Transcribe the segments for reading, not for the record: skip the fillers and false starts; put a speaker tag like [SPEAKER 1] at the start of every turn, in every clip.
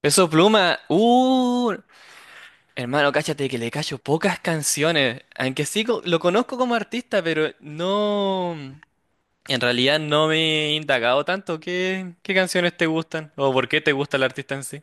[SPEAKER 1] Peso Pluma, hermano, cáchate que le cacho pocas canciones, aunque sí lo conozco como artista, pero no, en realidad no me he indagado tanto qué, qué canciones te gustan o por qué te gusta el artista en sí.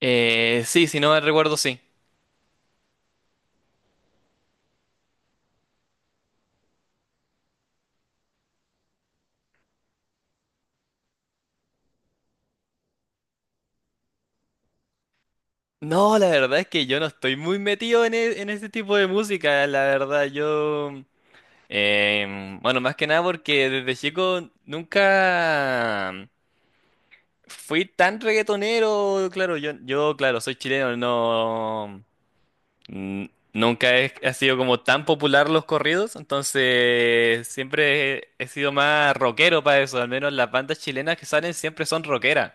[SPEAKER 1] Sí, si no me recuerdo, sí. No, la verdad es que yo no estoy muy metido en, en ese tipo de música, la verdad, yo... bueno, más que nada porque desde chico nunca... Fui tan reggaetonero, claro, yo, claro, soy chileno, no, nunca he, ha sido como tan popular los corridos, entonces siempre he, he sido más rockero para eso, al menos las bandas chilenas que salen siempre son rockeras.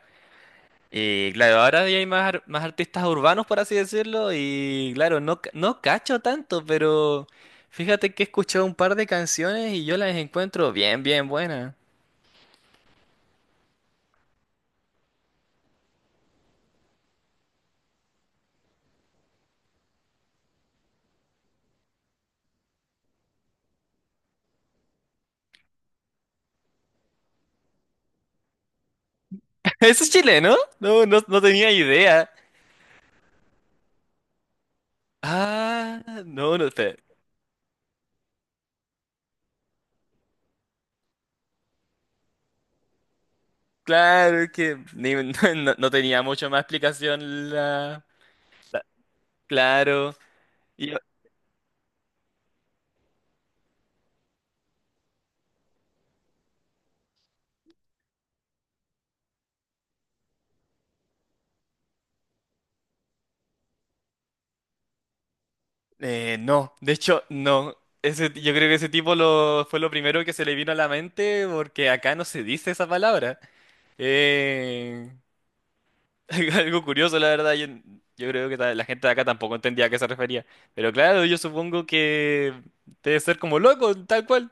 [SPEAKER 1] Y claro, ahora ya hay más, más artistas urbanos, por así decirlo, y claro, no, no cacho tanto, pero fíjate que he escuchado un par de canciones y yo las encuentro bien, bien buenas. ¿Eso es chileno? No, no, no tenía idea. Ah, no, no sé. Claro es que no, no tenía mucho más explicación la- claro. Y yo- no, de hecho, no. Ese, yo creo que ese tipo lo, fue lo primero que se le vino a la mente porque acá no se dice esa palabra. Eh, algo curioso, la verdad. Yo creo que la gente de acá tampoco entendía a qué se refería. Pero claro, yo supongo que debe ser como loco, tal cual.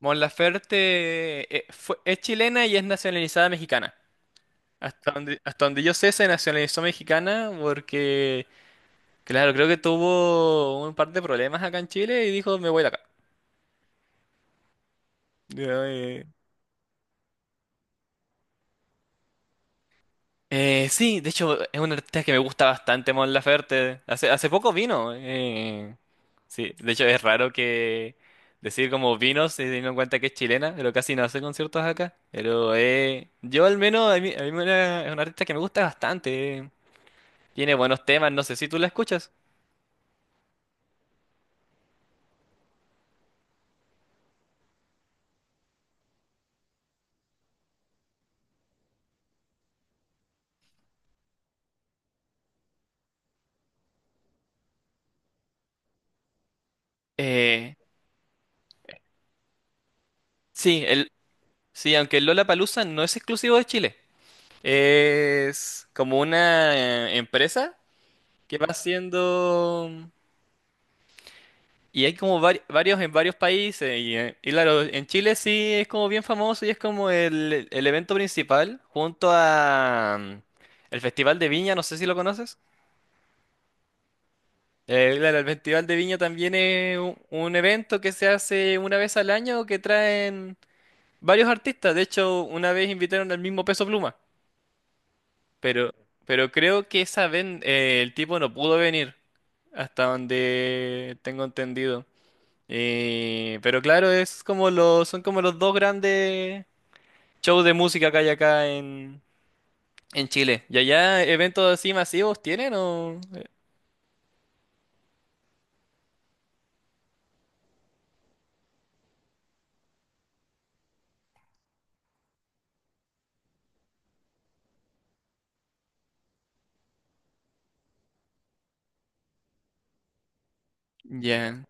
[SPEAKER 1] Mon Laferte es chilena y es nacionalizada mexicana. Hasta donde yo sé, se nacionalizó mexicana porque, claro, creo que tuvo un par de problemas acá en Chile y dijo, me voy de acá. Ya, Sí, de hecho, es una artista que me gusta bastante, Mon Laferte. Hace, hace poco vino. Sí, de hecho, es raro que decir como vino, si teniendo en cuenta que es chilena, pero casi no hace conciertos acá. Pero yo al menos, a mí, es una artista que me gusta bastante. Tiene buenos temas, no sé si tú la escuchas. Eh, sí, sí, aunque el Lollapalooza no es exclusivo de Chile. Es como una empresa que va haciendo... Y hay como varios en varios países. Y claro, en Chile sí es como bien famoso y es como el evento principal junto a... el Festival de Viña, no sé si lo conoces. Claro, el Festival de Viña también es un evento que se hace una vez al año que traen... Varios artistas, de hecho, una vez invitaron al mismo Peso Pluma, pero, pero creo que esa vez el tipo no pudo venir, hasta donde tengo entendido. Pero claro, es como los, son como los dos grandes shows de música que hay acá en Chile. ¿Y allá eventos así masivos tienen o...? Ya.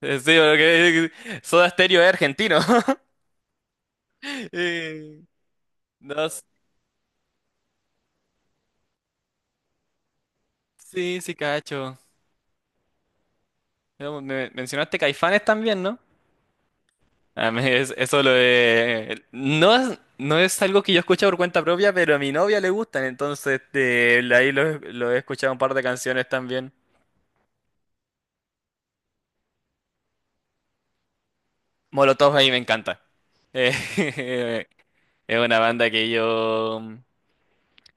[SPEAKER 1] Sí, porque Soda Stereo es argentino. Eh, no, sí, sí, cacho. Mencionaste Caifanes también, ¿no? A mí eso lo de... No es, no es algo que yo escuche por cuenta propia, pero a mi novia le gustan, entonces ahí lo he escuchado un par de canciones también. Molotov ahí me encanta. Eh, es una banda que yo...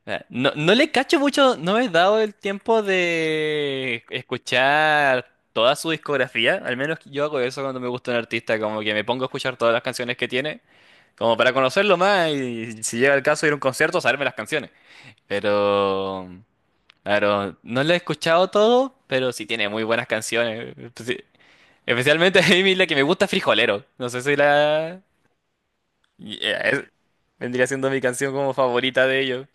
[SPEAKER 1] No, no le cacho mucho, no me he dado el tiempo de escuchar toda su discografía, al menos yo hago eso cuando me gusta un artista, como que me pongo a escuchar todas las canciones que tiene, como para conocerlo más y si llega el caso ir a un concierto, saberme las canciones. Pero, claro, no lo he escuchado todo, pero sí tiene muy buenas canciones. Especialmente a mí la que me gusta, Frijolero. No sé si la... Yeah, vendría siendo mi canción como favorita de ellos.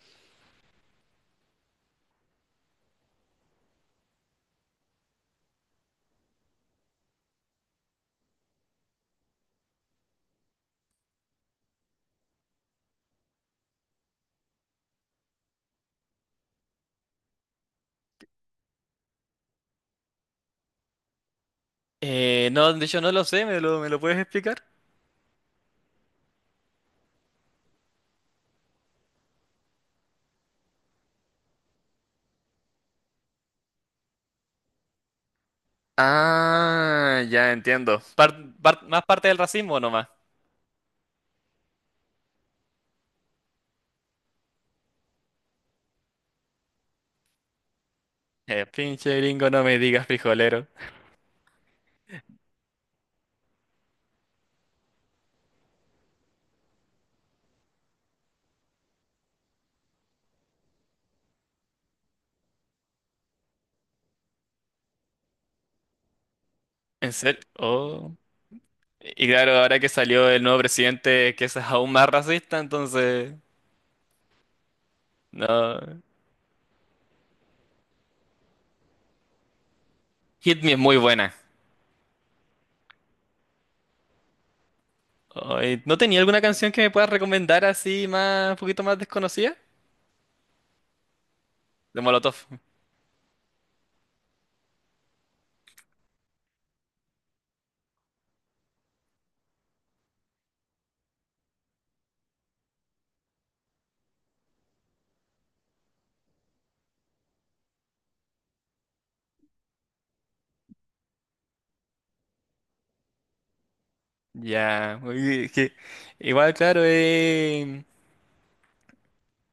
[SPEAKER 1] No, de hecho no lo sé, me lo puedes explicar? Ah, ya entiendo. Más parte del racismo nomás. Pinche gringo, no me digas frijolero. ¿En serio? Oh. Y claro, ahora que salió el nuevo presidente, que es aún más racista, entonces... No. Hit Me es muy buena. Ay, ¿no tenía alguna canción que me puedas recomendar así más, un poquito más desconocida? De Molotov. Ya, uy, es que igual, claro,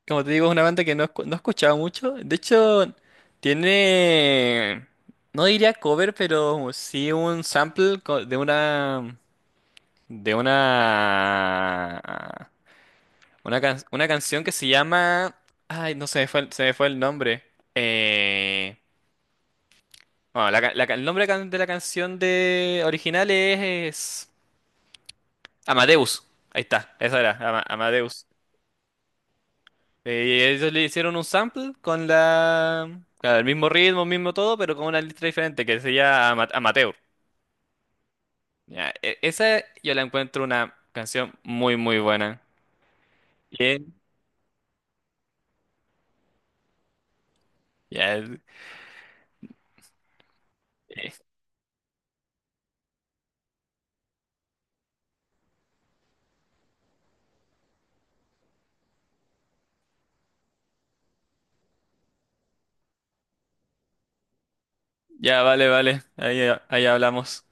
[SPEAKER 1] como te digo, es una banda que no, no he escuchado mucho. De hecho, tiene, no diría cover, pero sí un sample de una, una canción que se llama, ay, no se me fue, se me fue el nombre. Eh, Bueno, el nombre de la canción de original es Amadeus. Ahí está, esa era, Amadeus. Ellos le hicieron un sample con la, claro, el mismo ritmo, mismo todo, pero con una letra diferente que se llama Amateur. Ya, esa yo la encuentro una canción muy, muy buena. Bien. Ya, eh, ya, vale, vale. Ahí, ahí hablamos.